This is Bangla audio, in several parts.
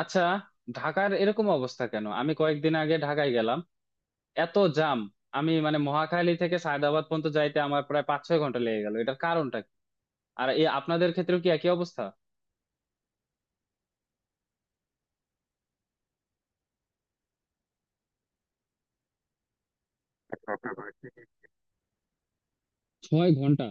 আচ্ছা, ঢাকার এরকম অবস্থা কেন? আমি কয়েকদিন আগে ঢাকায় গেলাম, এত জাম। আমি মানে মহাখালী থেকে সায়দাবাদ পর্যন্ত যাইতে আমার প্রায় 5-6 ঘন্টা লেগে গেল। এটার কারণটা কি? আর এই আপনাদের ক্ষেত্রেও কি একই অবস্থা? 6 ঘন্টা?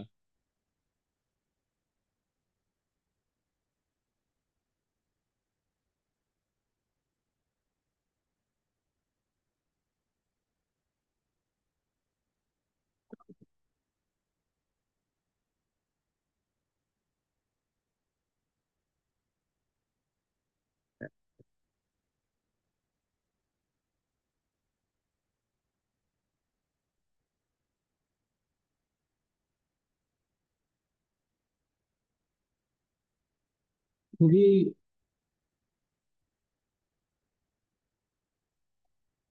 খুবই।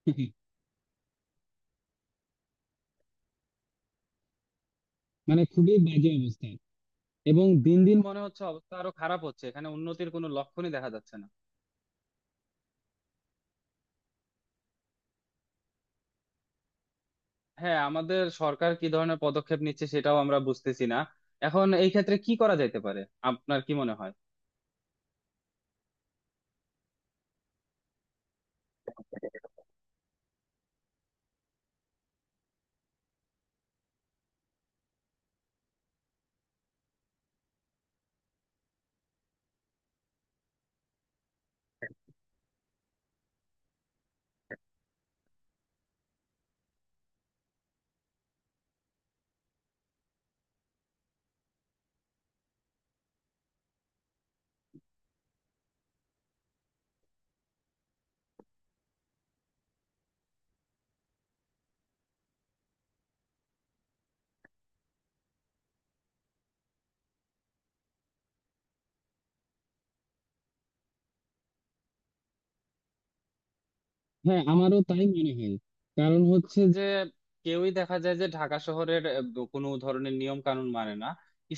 মানে খুবই বাজে অবস্থা। এবং দিন দিন মনে হচ্ছে অবস্থা আরো খারাপ হচ্ছে, এখানে উন্নতির কোনো লক্ষণই দেখা যাচ্ছে না। হ্যাঁ, আমাদের সরকার কি ধরনের পদক্ষেপ নিচ্ছে সেটাও আমরা বুঝতেছি না। এখন এই ক্ষেত্রে কি করা যেতে পারে? আপনার কি মনে হয়? হ্যাঁ, আমারও তাই মনে হয়। কারণ হচ্ছে যে কেউই দেখা যায় যে ঢাকা শহরের কোনো ধরনের নিয়ম কানুন মানে না।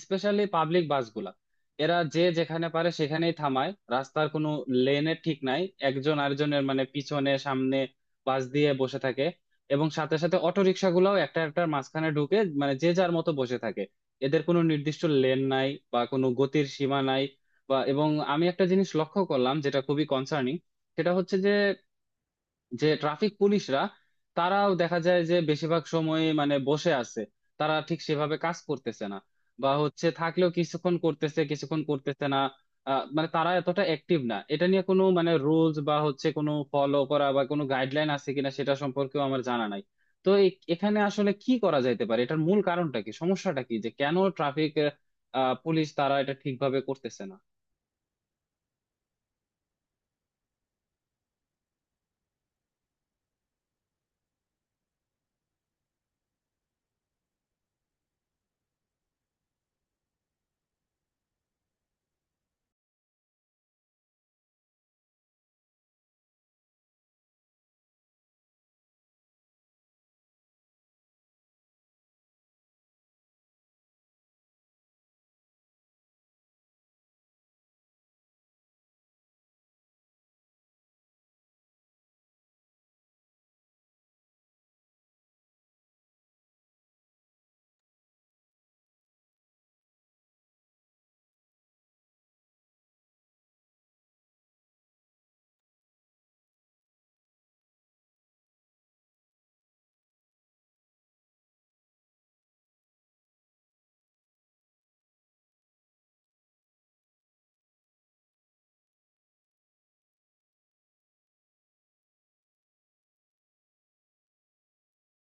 স্পেশালি পাবলিক বাসগুলা এরা যে যেখানে পারে সেখানেই থামায়, রাস্তার কোনো লেনে ঠিক নাই। একজন আরেকজনের মানে পিছনে সামনে বাস দিয়ে বসে থাকে, এবং সাথে সাথে অটো রিক্সাগুলাও একটা একটার মাঝখানে ঢুকে মানে যে যার মতো বসে থাকে। এদের কোনো নির্দিষ্ট লেন নাই বা কোনো গতির সীমা নাই। এবং আমি একটা জিনিস লক্ষ্য করলাম যেটা খুবই কনসার্নিং। সেটা হচ্ছে যে যে ট্রাফিক পুলিশরা, তারাও দেখা যায় যে বেশিরভাগ সময় মানে বসে আছে। তারা ঠিক সেভাবে কাজ করতেছে না, বা হচ্ছে থাকলেও কিছুক্ষণ করতেছে কিছুক্ষণ করতেছে না। মানে তারা এতটা অ্যাক্টিভ না। এটা নিয়ে কোনো মানে রুলস বা হচ্ছে কোনো ফলো করা বা কোনো গাইডলাইন আছে কিনা সেটা সম্পর্কেও আমার জানা নাই। তো এখানে আসলে কি করা যাইতে পারে? এটার মূল কারণটা কি? সমস্যাটা কি যে কেন ট্রাফিক পুলিশ তারা এটা ঠিকভাবে করতেছে না?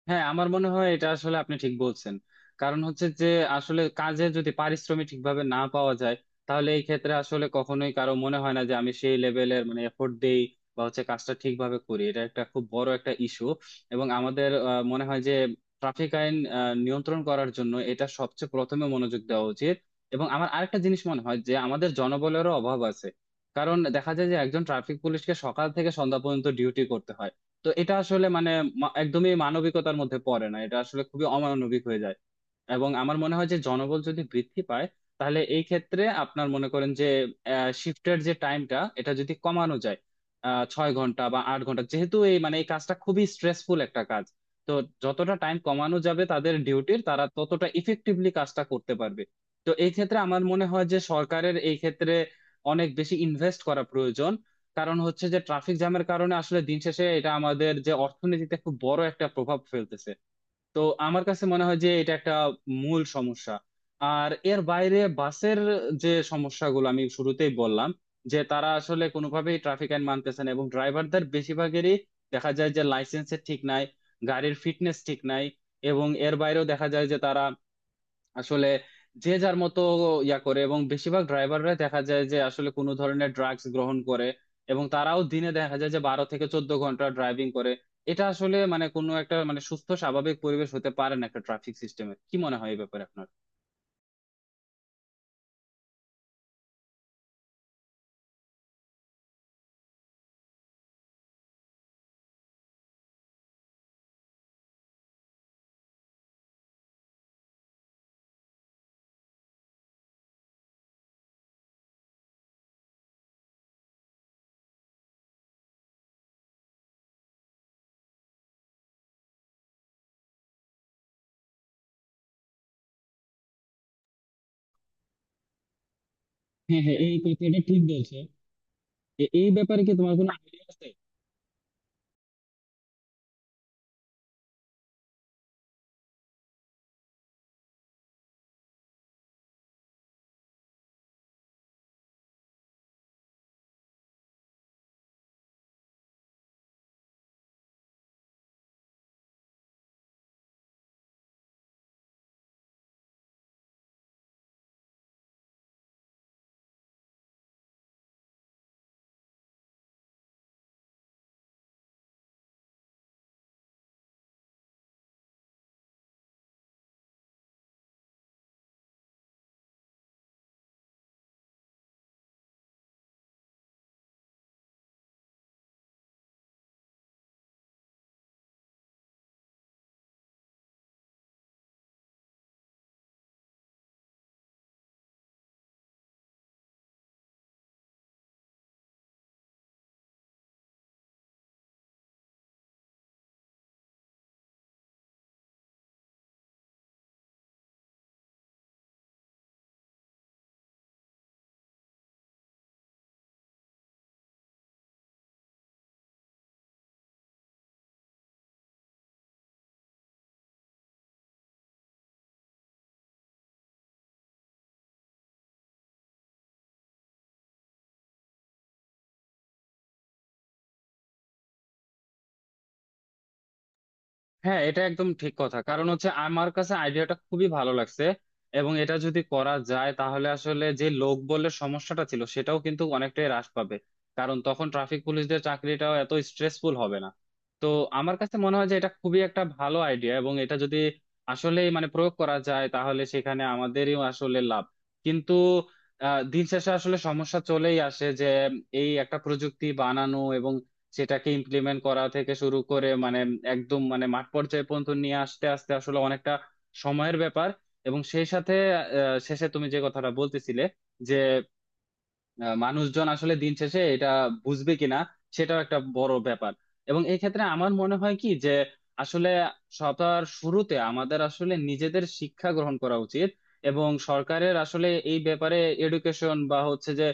হ্যাঁ, আমার মনে হয় এটা আসলে আপনি ঠিক বলছেন। কারণ হচ্ছে যে আসলে কাজে যদি পারিশ্রমিক ঠিকভাবে না পাওয়া যায়, তাহলে এই ক্ষেত্রে আসলে কখনোই কারো মনে হয় না যে আমি সেই লেভেলের মানে এফোর্ট দেই বা হচ্ছে কাজটা ঠিকভাবে করি। এটা একটা খুব বড় একটা ইস্যু। এবং আমাদের মনে হয় যে ট্রাফিক আইন নিয়ন্ত্রণ করার জন্য এটা সবচেয়ে প্রথমে মনোযোগ দেওয়া উচিত। এবং আমার আরেকটা জিনিস মনে হয় যে আমাদের জনবলেরও অভাব আছে। কারণ দেখা যায় যে একজন ট্রাফিক পুলিশকে সকাল থেকে সন্ধ্যা পর্যন্ত ডিউটি করতে হয়। তো এটা আসলে মানে একদমই মানবিকতার মধ্যে পড়ে না, এটা আসলে খুবই অমানবিক হয়ে যায়। এবং আমার মনে হয় যে জনবল যদি বৃদ্ধি পায়, তাহলে এই ক্ষেত্রে আপনার মনে করেন যে শিফটের যে টাইমটা এটা যদি কমানো যায়। 6 ঘন্টা বা 8 ঘন্টা, যেহেতু এই মানে এই কাজটা খুবই স্ট্রেসফুল একটা কাজ। তো যতটা টাইম কমানো যাবে তাদের ডিউটির, তারা ততটা ইফেক্টিভলি কাজটা করতে পারবে। তো এই ক্ষেত্রে আমার মনে হয় যে সরকারের এই ক্ষেত্রে অনেক বেশি ইনভেস্ট করা প্রয়োজন। কারণ হচ্ছে যে ট্রাফিক জ্যামের কারণে আসলে দিন শেষে এটা আমাদের যে অর্থনীতিতে খুব বড় একটা প্রভাব ফেলতেছে। তো আমার কাছে মনে হয় যে এটা একটা মূল সমস্যা। আর এর বাইরে বাসের যে সমস্যাগুলো আমি শুরুতেই বললাম, যে তারা আসলে কোনোভাবেই ট্রাফিক আইন মানতেছে না এবং ড্রাইভারদের বেশিরভাগেরই দেখা যায় যে লাইসেন্সের ঠিক নাই, গাড়ির ফিটনেস ঠিক নাই। এবং এর বাইরেও দেখা যায় যে তারা আসলে যে যার মতো ইয়া করে, এবং বেশিরভাগ ড্রাইভাররা দেখা যায় যে আসলে কোনো ধরনের ড্রাগস গ্রহণ করে, এবং তারাও দিনে দেখা যায় যে 12 থেকে 14 ঘন্টা ড্রাইভিং করে। এটা আসলে মানে কোনো একটা মানে সুস্থ স্বাভাবিক পরিবেশ হতে পারে না একটা ট্রাফিক সিস্টেমের। কি মনে হয় এই ব্যাপারে আপনার? হ্যাঁ, হ্যাঁ, এই কথাটা ঠিক বলছো। এই ব্যাপারে কি তোমার কোনো আইডিয়া আছে? হ্যাঁ, এটা একদম ঠিক কথা। কারণ হচ্ছে আমার কাছে আইডিয়াটা খুবই ভালো লাগছে। এবং এটা যদি করা যায় তাহলে আসলে যে লোকবলের সমস্যাটা ছিল সেটাও কিন্তু অনেকটাই হ্রাস পাবে। কারণ তখন ট্রাফিক পুলিশদের চাকরিটাও এত স্ট্রেসফুল হবে না। তো আমার কাছে মনে হয় যে এটা খুবই একটা ভালো আইডিয়া, এবং এটা যদি আসলে মানে প্রয়োগ করা যায় তাহলে সেখানে আমাদেরই আসলে লাভ। কিন্তু দিন শেষে আসলে সমস্যা চলেই আসে যে এই একটা প্রযুক্তি বানানো, সেটাকে ইমপ্লিমেন্ট করা থেকে শুরু করে মানে একদম মানে মাঠ পর্যায়ে পর্যন্ত নিয়ে আসতে আসতে আসলে অনেকটা সময়ের ব্যাপার। এবং সেই সাথে শেষে তুমি যে কথাটা বলতেছিলে, যে মানুষজন আসলে দিন শেষে এটা বুঝবে কিনা, সেটাও একটা বড় ব্যাপার। এবং এই ক্ষেত্রে আমার মনে হয় কি যে আসলে সবার শুরুতে আমাদের আসলে নিজেদের শিক্ষা গ্রহণ করা উচিত। এবং সরকারের আসলে এই ব্যাপারে এডুকেশন বা হচ্ছে যে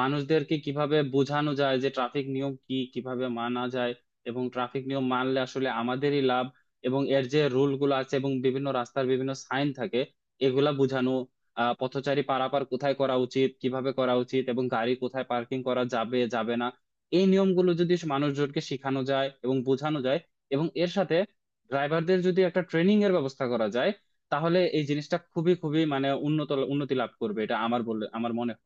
মানুষদেরকে কিভাবে বোঝানো যায় যে ট্রাফিক নিয়ম কি, কিভাবে মানা যায়, এবং ট্রাফিক নিয়ম মানলে আসলে আমাদেরই লাভ, এবং এর যে রুল গুলো আছে এবং বিভিন্ন রাস্তার বিভিন্ন সাইন থাকে এগুলা বোঝানো, পথচারী পারাপার কোথায় করা উচিত, কিভাবে করা উচিত, এবং গাড়ি কোথায় পার্কিং করা যাবে যাবে না, এই নিয়মগুলো যদি মানুষজনকে শেখানো যায় এবং বোঝানো যায়। এবং এর সাথে ড্রাইভারদের যদি একটা ট্রেনিং এর ব্যবস্থা করা যায়, তাহলে এই জিনিসটা খুবই খুবই মানে উন্নতি লাভ করবে, এটা আমার বলে আমার মনে হয়।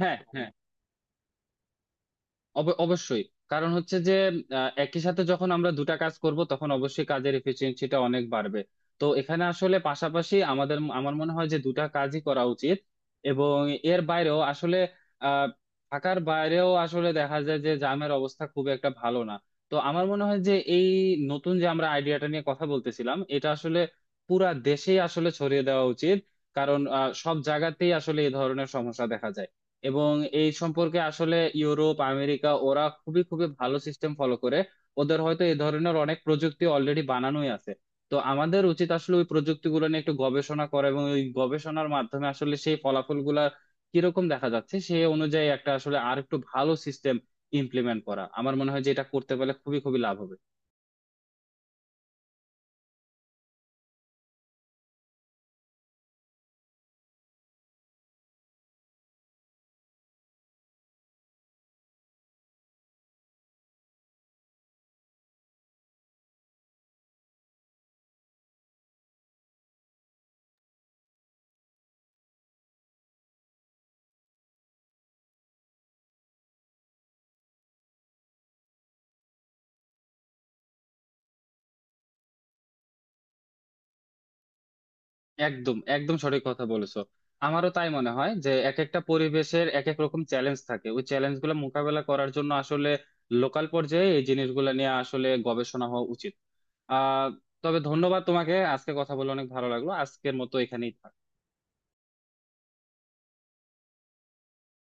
হ্যাঁ, হ্যাঁ, অবশ্যই। কারণ হচ্ছে যে একই সাথে যখন আমরা দুটা কাজ করব তখন অবশ্যই কাজের এফিসিয়েন্সিটা অনেক বাড়বে। তো এখানে আসলে পাশাপাশি আমাদের আমার মনে হয় যে দুটা কাজই করা উচিত। এবং এর বাইরেও আসলে আহ থাকার বাইরেও আসলে দেখা যায় যে জামের অবস্থা খুব একটা ভালো না। তো আমার মনে হয় যে এই নতুন যে আমরা আইডিয়াটা নিয়ে কথা বলতেছিলাম এটা আসলে পুরা দেশেই আসলে ছড়িয়ে দেওয়া উচিত। কারণ সব জায়গাতেই আসলে এই ধরনের সমস্যা দেখা যায়। এবং এই সম্পর্কে আসলে ইউরোপ আমেরিকা ওরা খুবই খুবই ভালো সিস্টেম ফলো করে। ওদের হয়তো এই ধরনের অনেক প্রযুক্তি অলরেডি বানানোই আছে। তো আমাদের উচিত আসলে ওই প্রযুক্তিগুলো নিয়ে একটু গবেষণা করা, এবং ওই গবেষণার মাধ্যমে আসলে সেই ফলাফলগুলা কিরকম দেখা যাচ্ছে সেই অনুযায়ী একটা আসলে আর একটু ভালো সিস্টেম ইমপ্লিমেন্ট করা। আমার মনে হয় যে এটা করতে পারলে খুবই খুবই লাভ হবে। একদম একদম সঠিক কথা বলেছো। আমারও তাই মনে হয় যে এক একটা পরিবেশের এক এক রকম চ্যালেঞ্জ থাকে, ওই চ্যালেঞ্জ গুলো মোকাবেলা করার জন্য আসলে লোকাল পর্যায়ে এই জিনিসগুলো নিয়ে আসলে গবেষণা হওয়া উচিত। আহ তবে ধন্যবাদ তোমাকে, আজকে কথা বলে অনেক ভালো লাগলো, আজকের মতো এখানেই থাক।